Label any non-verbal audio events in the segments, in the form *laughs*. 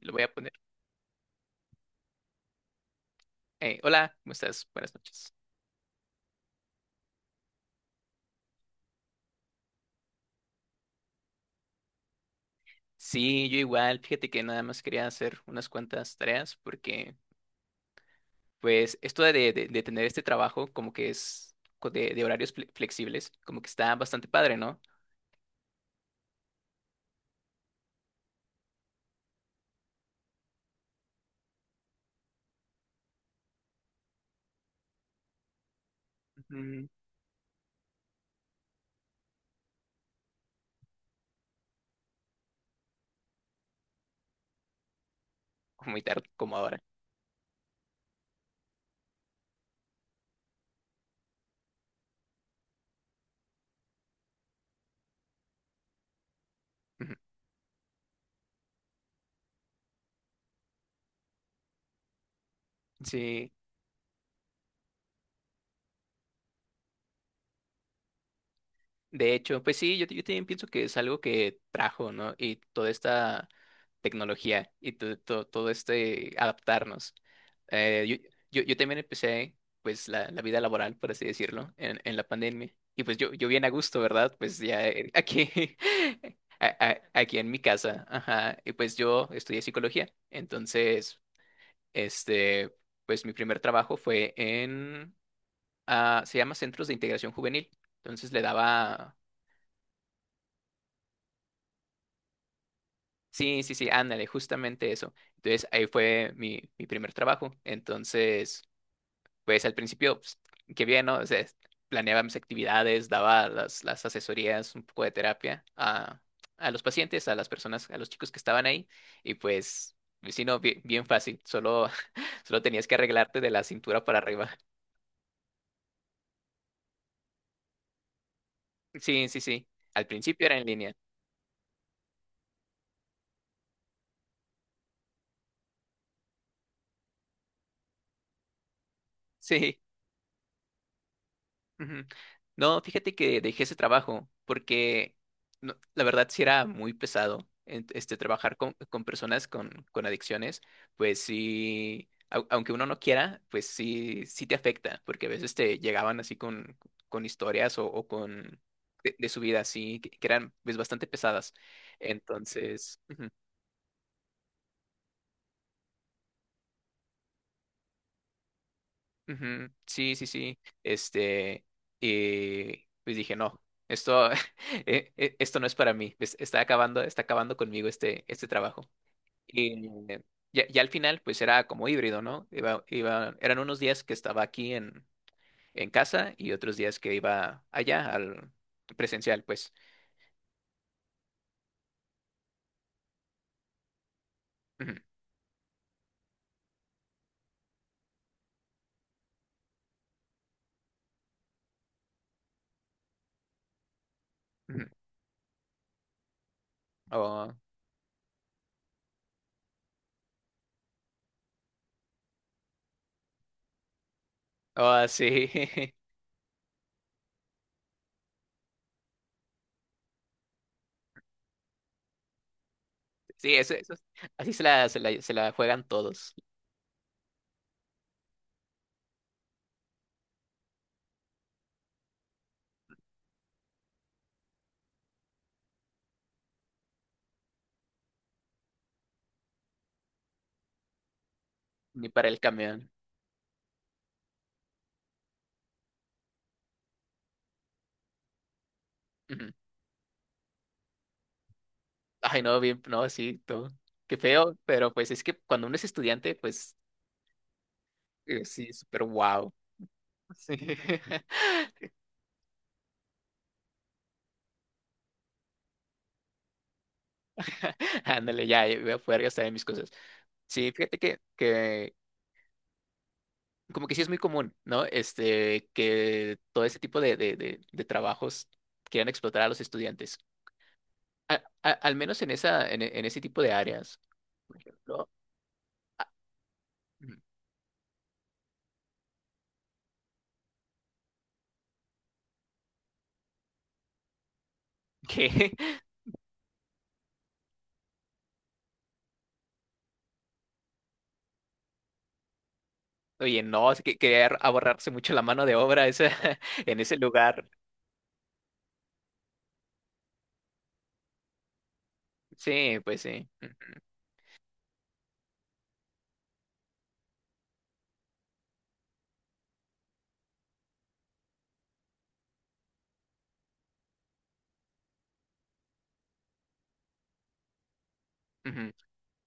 Lo voy a poner. Hola, ¿cómo estás? Buenas noches. Sí, yo igual, fíjate que nada más quería hacer unas cuantas tareas porque, pues, esto de, de tener este trabajo como que es de horarios flexibles, como que está bastante padre, ¿no? Ujú. Muy tarde, como ahora. Ujú. Sí. De hecho, pues sí, yo también pienso que es algo que trajo, ¿no? Y toda esta tecnología y todo este adaptarnos. Eh, yo, yo también empecé, pues, la vida laboral, por así decirlo, en la pandemia. Y pues yo bien a gusto, ¿verdad? Pues ya aquí, *laughs* aquí en mi casa. Ajá. Y pues yo estudié psicología. Entonces, este, pues mi primer trabajo fue en, se llama Centros de Integración Juvenil. Entonces le daba. Sí, sí, sí, ándale, justamente eso. Entonces, ahí fue mi, mi primer trabajo. Entonces, pues al principio, pues, qué bien, ¿no? O sea, planeaba mis actividades, daba las asesorías, un poco de terapia a los pacientes, a las personas, a los chicos que estaban ahí. Y pues, pues, sí, no, bien, bien fácil, solo, *laughs* solo tenías que arreglarte de la cintura para arriba. *laughs* Sí, sí, sí. Al principio era en línea. Sí. Ujú. No, fíjate que dejé ese trabajo porque la verdad sí era muy pesado este trabajar con personas con adicciones, pues sí, aunque uno no quiera, pues sí, sí te afecta, porque a veces te llegaban así con historias o con de su vida así, que eran pues bastante pesadas. Entonces, ujú. Ujú, sí, sí, sí. Y pues dije, no, esto, *laughs* esto no es para mí. Está acabando conmigo este, este trabajo. Y eh, ya, ya al final, pues era como híbrido, ¿no? Iba, iba, eran unos días que estaba aquí en casa y otros días que iba allá al presencial, pues. Ujú, ujú. Oh, oh, sí. *laughs* Sí, eso, así se la, se la, se la juegan todos, ni para el camión. Ay, no, bien, no, sí, todo. Qué feo, pero pues es que cuando uno es estudiante, pues sí, súper wow. Sí. *laughs* Ándale, ya, voy a poder gastar en mis cosas. Sí, fíjate que como que sí es muy común, ¿no? Este, que todo ese tipo de, de trabajos quieran explotar a los estudiantes. Al menos en esa, en, en ese tipo de áreas, por ejemplo, mm, que, *laughs* oye, no, es que quería ahorrarse mucho la mano de obra esa, *laughs* en ese lugar. Sí, pues sí. Ujú.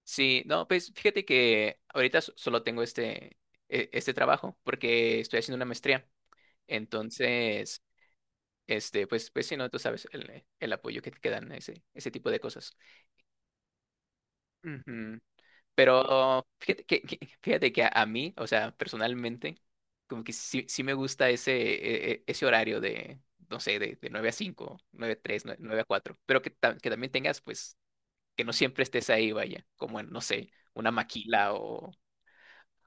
Sí, no, pues fíjate que ahorita solo tengo este, este trabajo porque estoy haciendo una maestría. Entonces, este, pues, pues sí, no, tú sabes el apoyo que te dan ese, ese tipo de cosas. Ujú. Pero fíjate que, *laughs* fíjate que a mí, o sea, personalmente, como que sí, sí me gusta ese, ese horario de, no sé, de 9 a 5 9 a 3, 9 a 4 pero que, que también tengas, pues, que no siempre estés ahí, vaya, como en, no sé, una maquila o,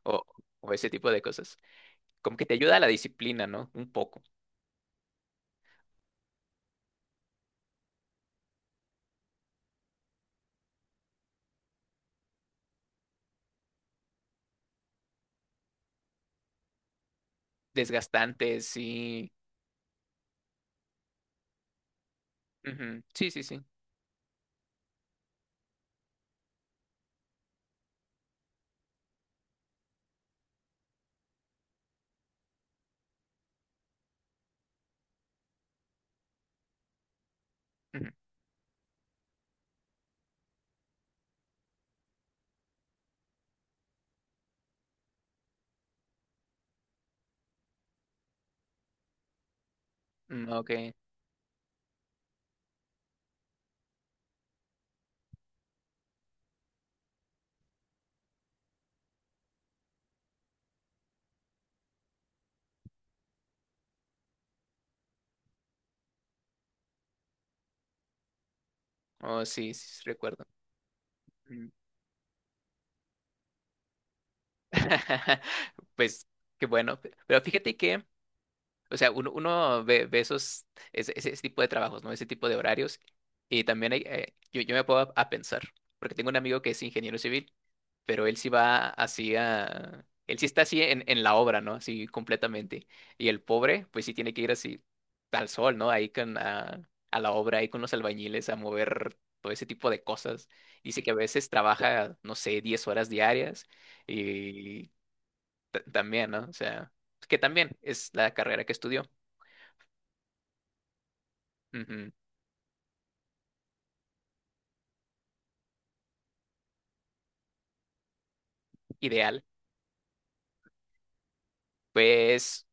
o, o ese tipo de cosas. Como que te ayuda a la disciplina, ¿no? Un poco. Desgastante, sí. Ujú, sí, sí, sí. Ujú, ok. Oh, sí, sí, sí, recuerdo. Mm. *laughs* Pues qué bueno. Pero fíjate que, o sea, uno ve, ve esos, ese tipo de trabajos, ¿no? Ese tipo de horarios. Y también hay, yo, yo me puedo a pensar, porque tengo un amigo que es ingeniero civil, pero él sí va así a... Él sí está así en la obra, ¿no? Así completamente. Y el pobre, pues sí tiene que ir así al sol, ¿no? Ahí con, a la obra, ahí con los albañiles a mover todo ese tipo de cosas. Dice que a veces trabaja, no sé, 10 horas diarias y también, ¿no? O sea, que también es la carrera que estudió. Ujú, ideal. Pues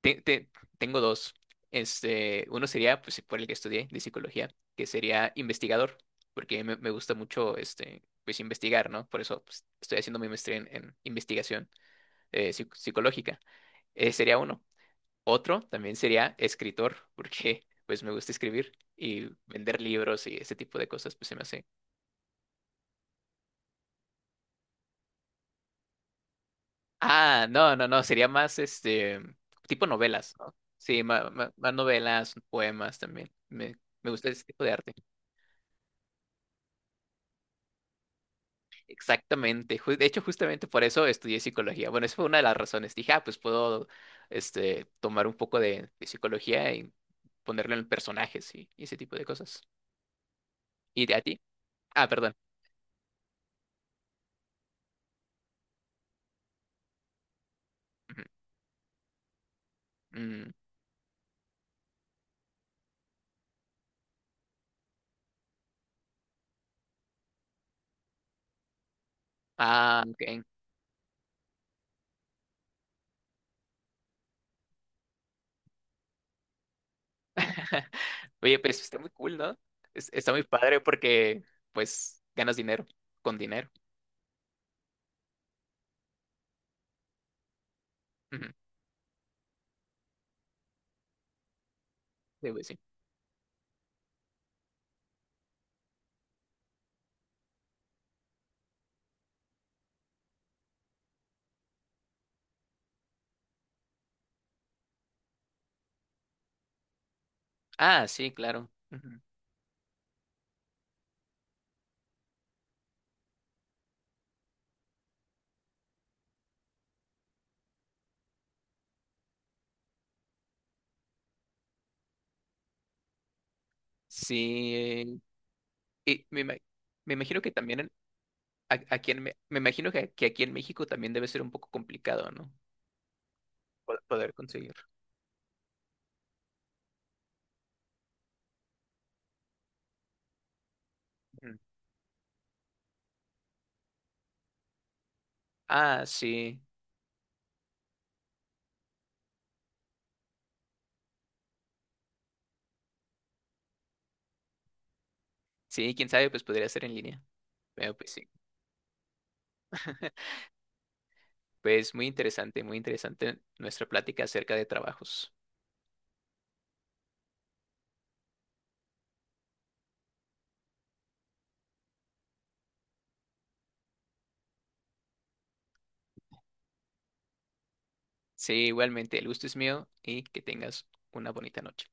te- te- tengo dos. Este, uno sería, pues, por el que estudié de psicología, que sería investigador, porque me gusta mucho, este, pues, investigar, ¿no? Por eso, pues, estoy haciendo mi maestría en investigación psicológica. Sería uno. Otro también sería escritor, porque, pues, me gusta escribir y vender libros y ese tipo de cosas, pues, se me hace. Ah, no, no, no, sería más este tipo novelas, ¿no? Sí, más, novelas, poemas también. Me gusta ese tipo de arte. Exactamente. De hecho, justamente por eso estudié psicología. Bueno, esa fue una de las razones. Dije, ah, pues puedo este, tomar un poco de psicología y ponerlo en personajes y ese tipo de cosas. ¿Y de a ti? Ah, perdón. Ujú. Mm, ah, ok. *laughs* Oye, pues está muy cool, ¿no? Está muy padre porque, pues, ganas dinero con dinero. Sí, güey, sí. Ah, sí, claro. Ujú. Sí. Y me, me imagino que también aquí en, me me imagino que aquí en México también debe ser un poco complicado, ¿no? Poder conseguir. Ujú. Ah, sí. Sí, quién sabe, pues podría ser en línea. Pero pues sí. *laughs* Pues muy interesante nuestra plática acerca de trabajos. Sí, igualmente, el gusto es mío y que tengas una bonita noche.